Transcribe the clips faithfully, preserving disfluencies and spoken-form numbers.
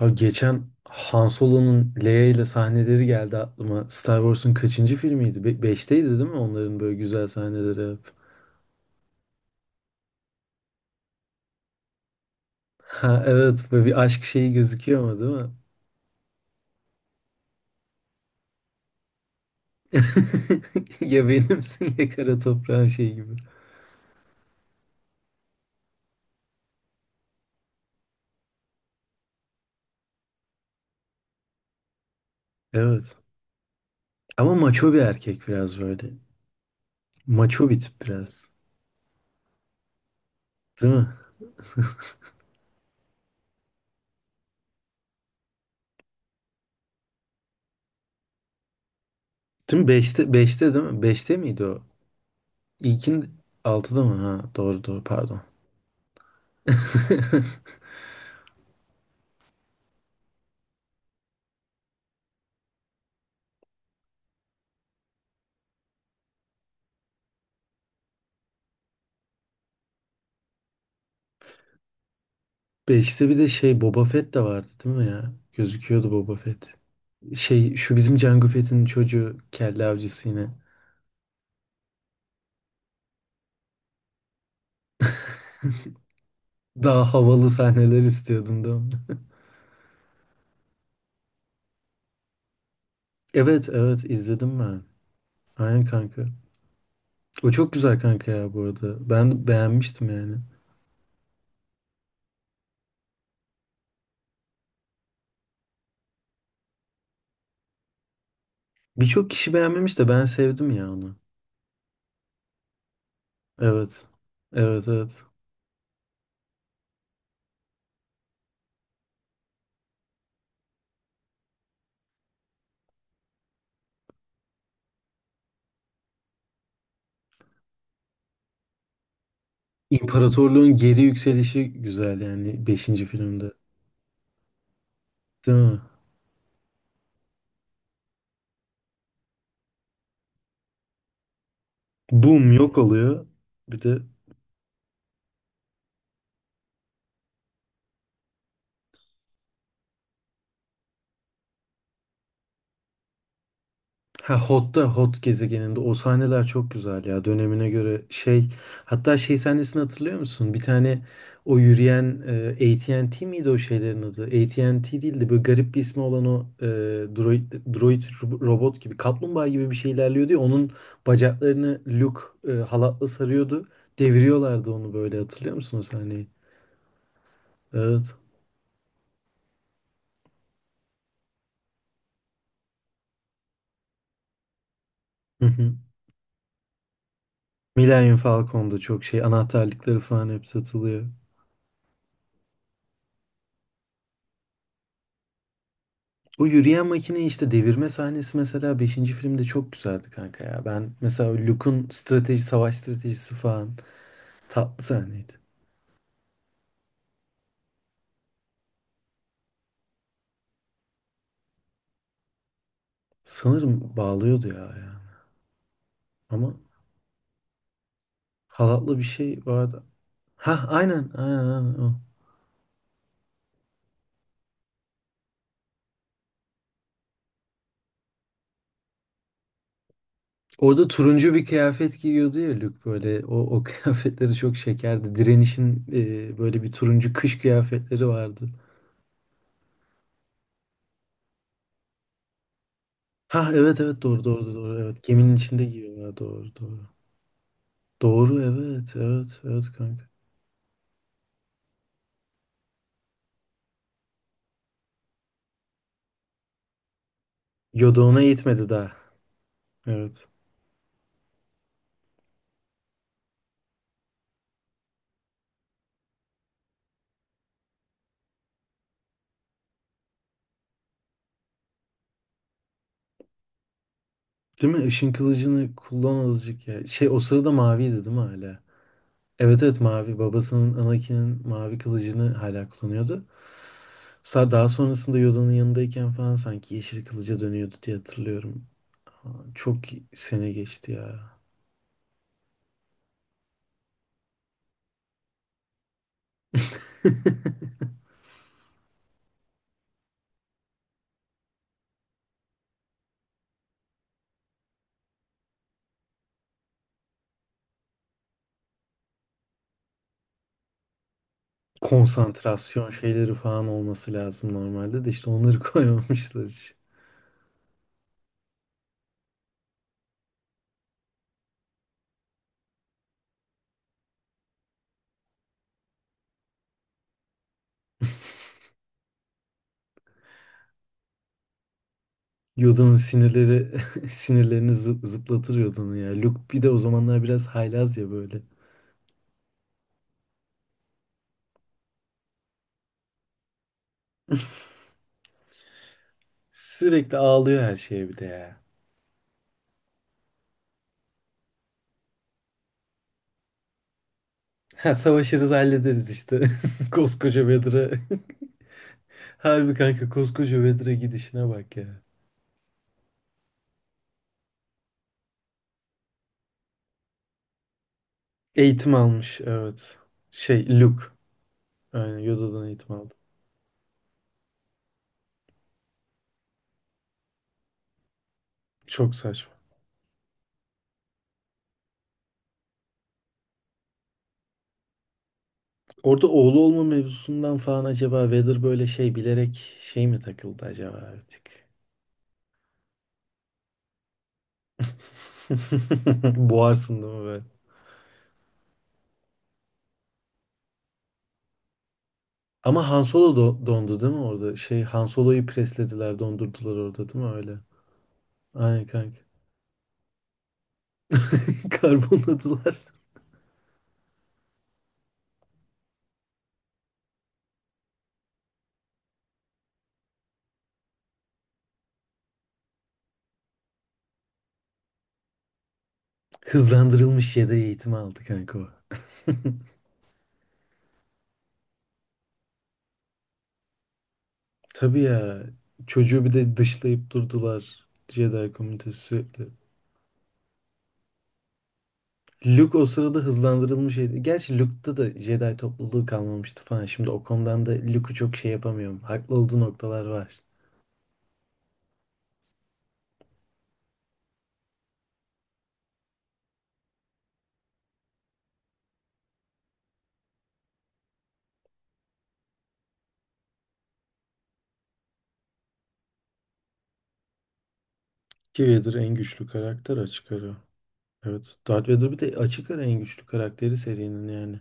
Abi geçen Han Solo'nun Leia ile sahneleri geldi aklıma. Star Wars'un kaçıncı filmiydi? Be beşteydi değil mi? Onların böyle güzel sahneleri hep. Ha evet böyle bir aşk şeyi gözüküyor ama değil mi? Ya benimsin ya kara toprağın şeyi gibi. Evet. Ama maço bir erkek biraz böyle. Maço bir tip biraz. Değil mi? Değil mi? Beşte, beşte değil mi? Beşte miydi o? İlkin altıda mı? Ha doğru doğru pardon. Beşte bir de şey Boba Fett de vardı değil mi ya? Gözüküyordu Boba Fett. Şey şu bizim Can Gafet'in çocuğu kelle avcısı yine. Daha havalı sahneler istiyordun değil mi? Evet evet izledim ben. Aynen kanka. O çok güzel kanka ya bu arada. Ben beğenmiştim yani. Birçok kişi beğenmemiş de ben sevdim ya onu. Evet. Evet evet. İmparatorluğun geri yükselişi güzel yani beşinci filmde. Değil mi? Boom yok oluyor. Bir de ha Hot'ta Hot gezegeninde o sahneler çok güzel ya dönemine göre şey, hatta şey sahnesini hatırlıyor musun? Bir tane o yürüyen e, A T ve T miydi o şeylerin adı? A T ve T değildi böyle garip bir ismi olan o e, droid, droid ro- robot gibi kaplumbağa gibi bir şey ilerliyordu ya onun bacaklarını Luke e, halatla sarıyordu, deviriyorlardı onu, böyle hatırlıyor musun o sahneyi? Evet. Hı hı. Millennium Falcon'da çok şey anahtarlıkları falan hep satılıyor. Bu yürüyen makine işte devirme sahnesi mesela beşinci filmde çok güzeldi kanka ya. Ben mesela Luke'un strateji, savaş stratejisi falan tatlı sahneydi. Sanırım bağlıyordu ya yani. Ama halatlı bir şey vardı. Ha aynen aynen, aynen o. Orada turuncu bir kıyafet giyiyordu ya Luke böyle. O, o kıyafetleri çok şekerdi. Direniş'in e, böyle bir turuncu kış kıyafetleri vardı. Ha evet evet doğru doğru doğru evet. Geminin içinde giyiyorlar, doğru doğru. Doğru evet evet evet kanka. Yoda eğitmedi daha. Evet. Değil mi? Işın kılıcını kullan azıcık ya. Şey o sırada maviydi değil mi hala? Evet evet mavi. Babasının Anakin'in mavi kılıcını hala kullanıyordu. Sa- Daha sonrasında Yoda'nın yanındayken falan sanki yeşil kılıca dönüyordu diye hatırlıyorum. Çok sene geçti ya. Konsantrasyon şeyleri falan olması lazım normalde, de işte onları koymamışlar hiç. Yoda'nın sinirleri sinirlerini zı- zıplatır Yoda'nın ya. Luke bir de o zamanlar biraz haylaz ya böyle. Sürekli ağlıyor her şeye bir de ya. Ha, savaşırız hallederiz işte. Koskoca Vedra. Harbi kanka, koskoca Vedra gidişine bak ya. Eğitim almış evet. Şey Luke. Yani Yoda'dan eğitim aldı. Çok saçma. Orada oğlu olma mevzusundan falan acaba Vader böyle şey bilerek şey mi takıldı acaba artık? Boğarsın değil mi böyle? Ama Han Solo do- dondu değil mi orada? Şey Han Solo'yu preslediler, dondurdular orada değil mi öyle? Aynen kanka. Karbonladılar. Hızlandırılmış yedeği eğitimi aldı kanka o. Tabii ya. Çocuğu bir de dışlayıp durdular. Jedi komitesi sürekli. Luke o sırada hızlandırılmış yedi. Gerçi Luke'da da Jedi topluluğu kalmamıştı falan. Şimdi o konudan da Luke'u çok şey yapamıyorum. Haklı olduğu noktalar var. Ki Vader en güçlü karakter açık ara. Evet. Darth Vader bir de açık ara en güçlü karakteri serinin yani.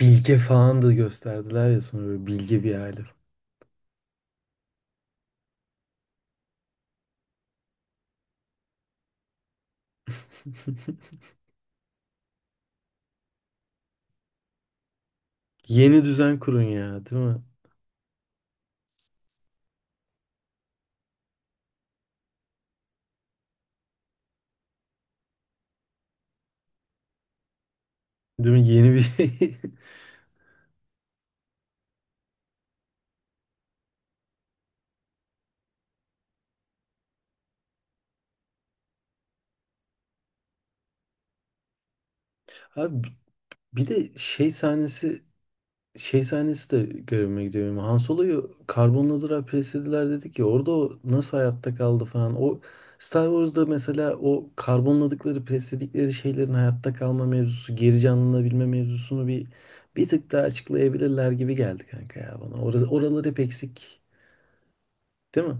Bilge falan da gösterdiler ya sonra, böyle bilge bir hali. Yeni düzen kurun ya, değil mi? Değil mi? Yeni bir şey. Abi bir de şey sahnesi, şey sahnesi de görevime gidiyor benim. Han Solo'yu karbonladılar, preslediler dedik ya orada, o nasıl hayatta kaldı falan. O Star Wars'da mesela o karbonladıkları, presledikleri şeylerin hayatta kalma mevzusu, geri canlanabilme mevzusunu bir bir tık daha açıklayabilirler gibi geldi kanka ya bana. Orası, oralar hep eksik, değil mi?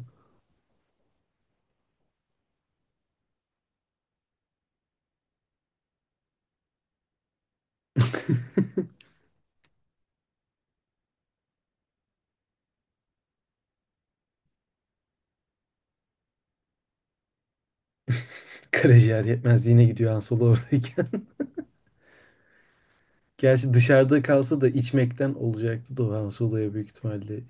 Karaciğer yetmezliğine gidiyor Han Solo oradayken. Gerçi dışarıda kalsa da içmekten olacaktı da o Han Solo'ya büyük ihtimalle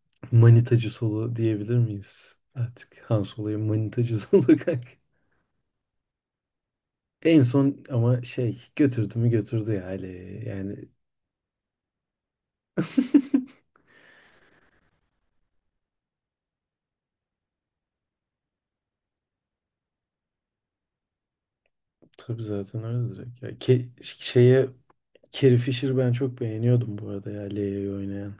manitacı Solo diyebilir miyiz? Artık Han Solo'ya manitacı Solo kanka. En son ama şey götürdü mü götürdü ya aileye. Yani tabii zaten öyle direkt. Ya Ke- şeye Carrie Fisher'ı ben çok beğeniyordum bu arada ya, Leia'yı oynayan.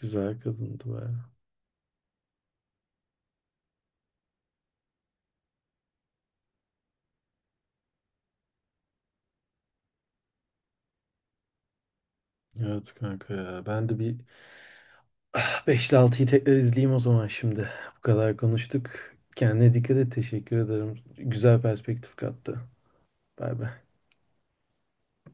Güzel kadındı baya. Evet kanka ya. Ben de bir beş ile altıyı tekrar izleyeyim o zaman şimdi. Bu kadar konuştuk. Kendine dikkat et. Teşekkür ederim. Güzel perspektif kattı. Bay bay.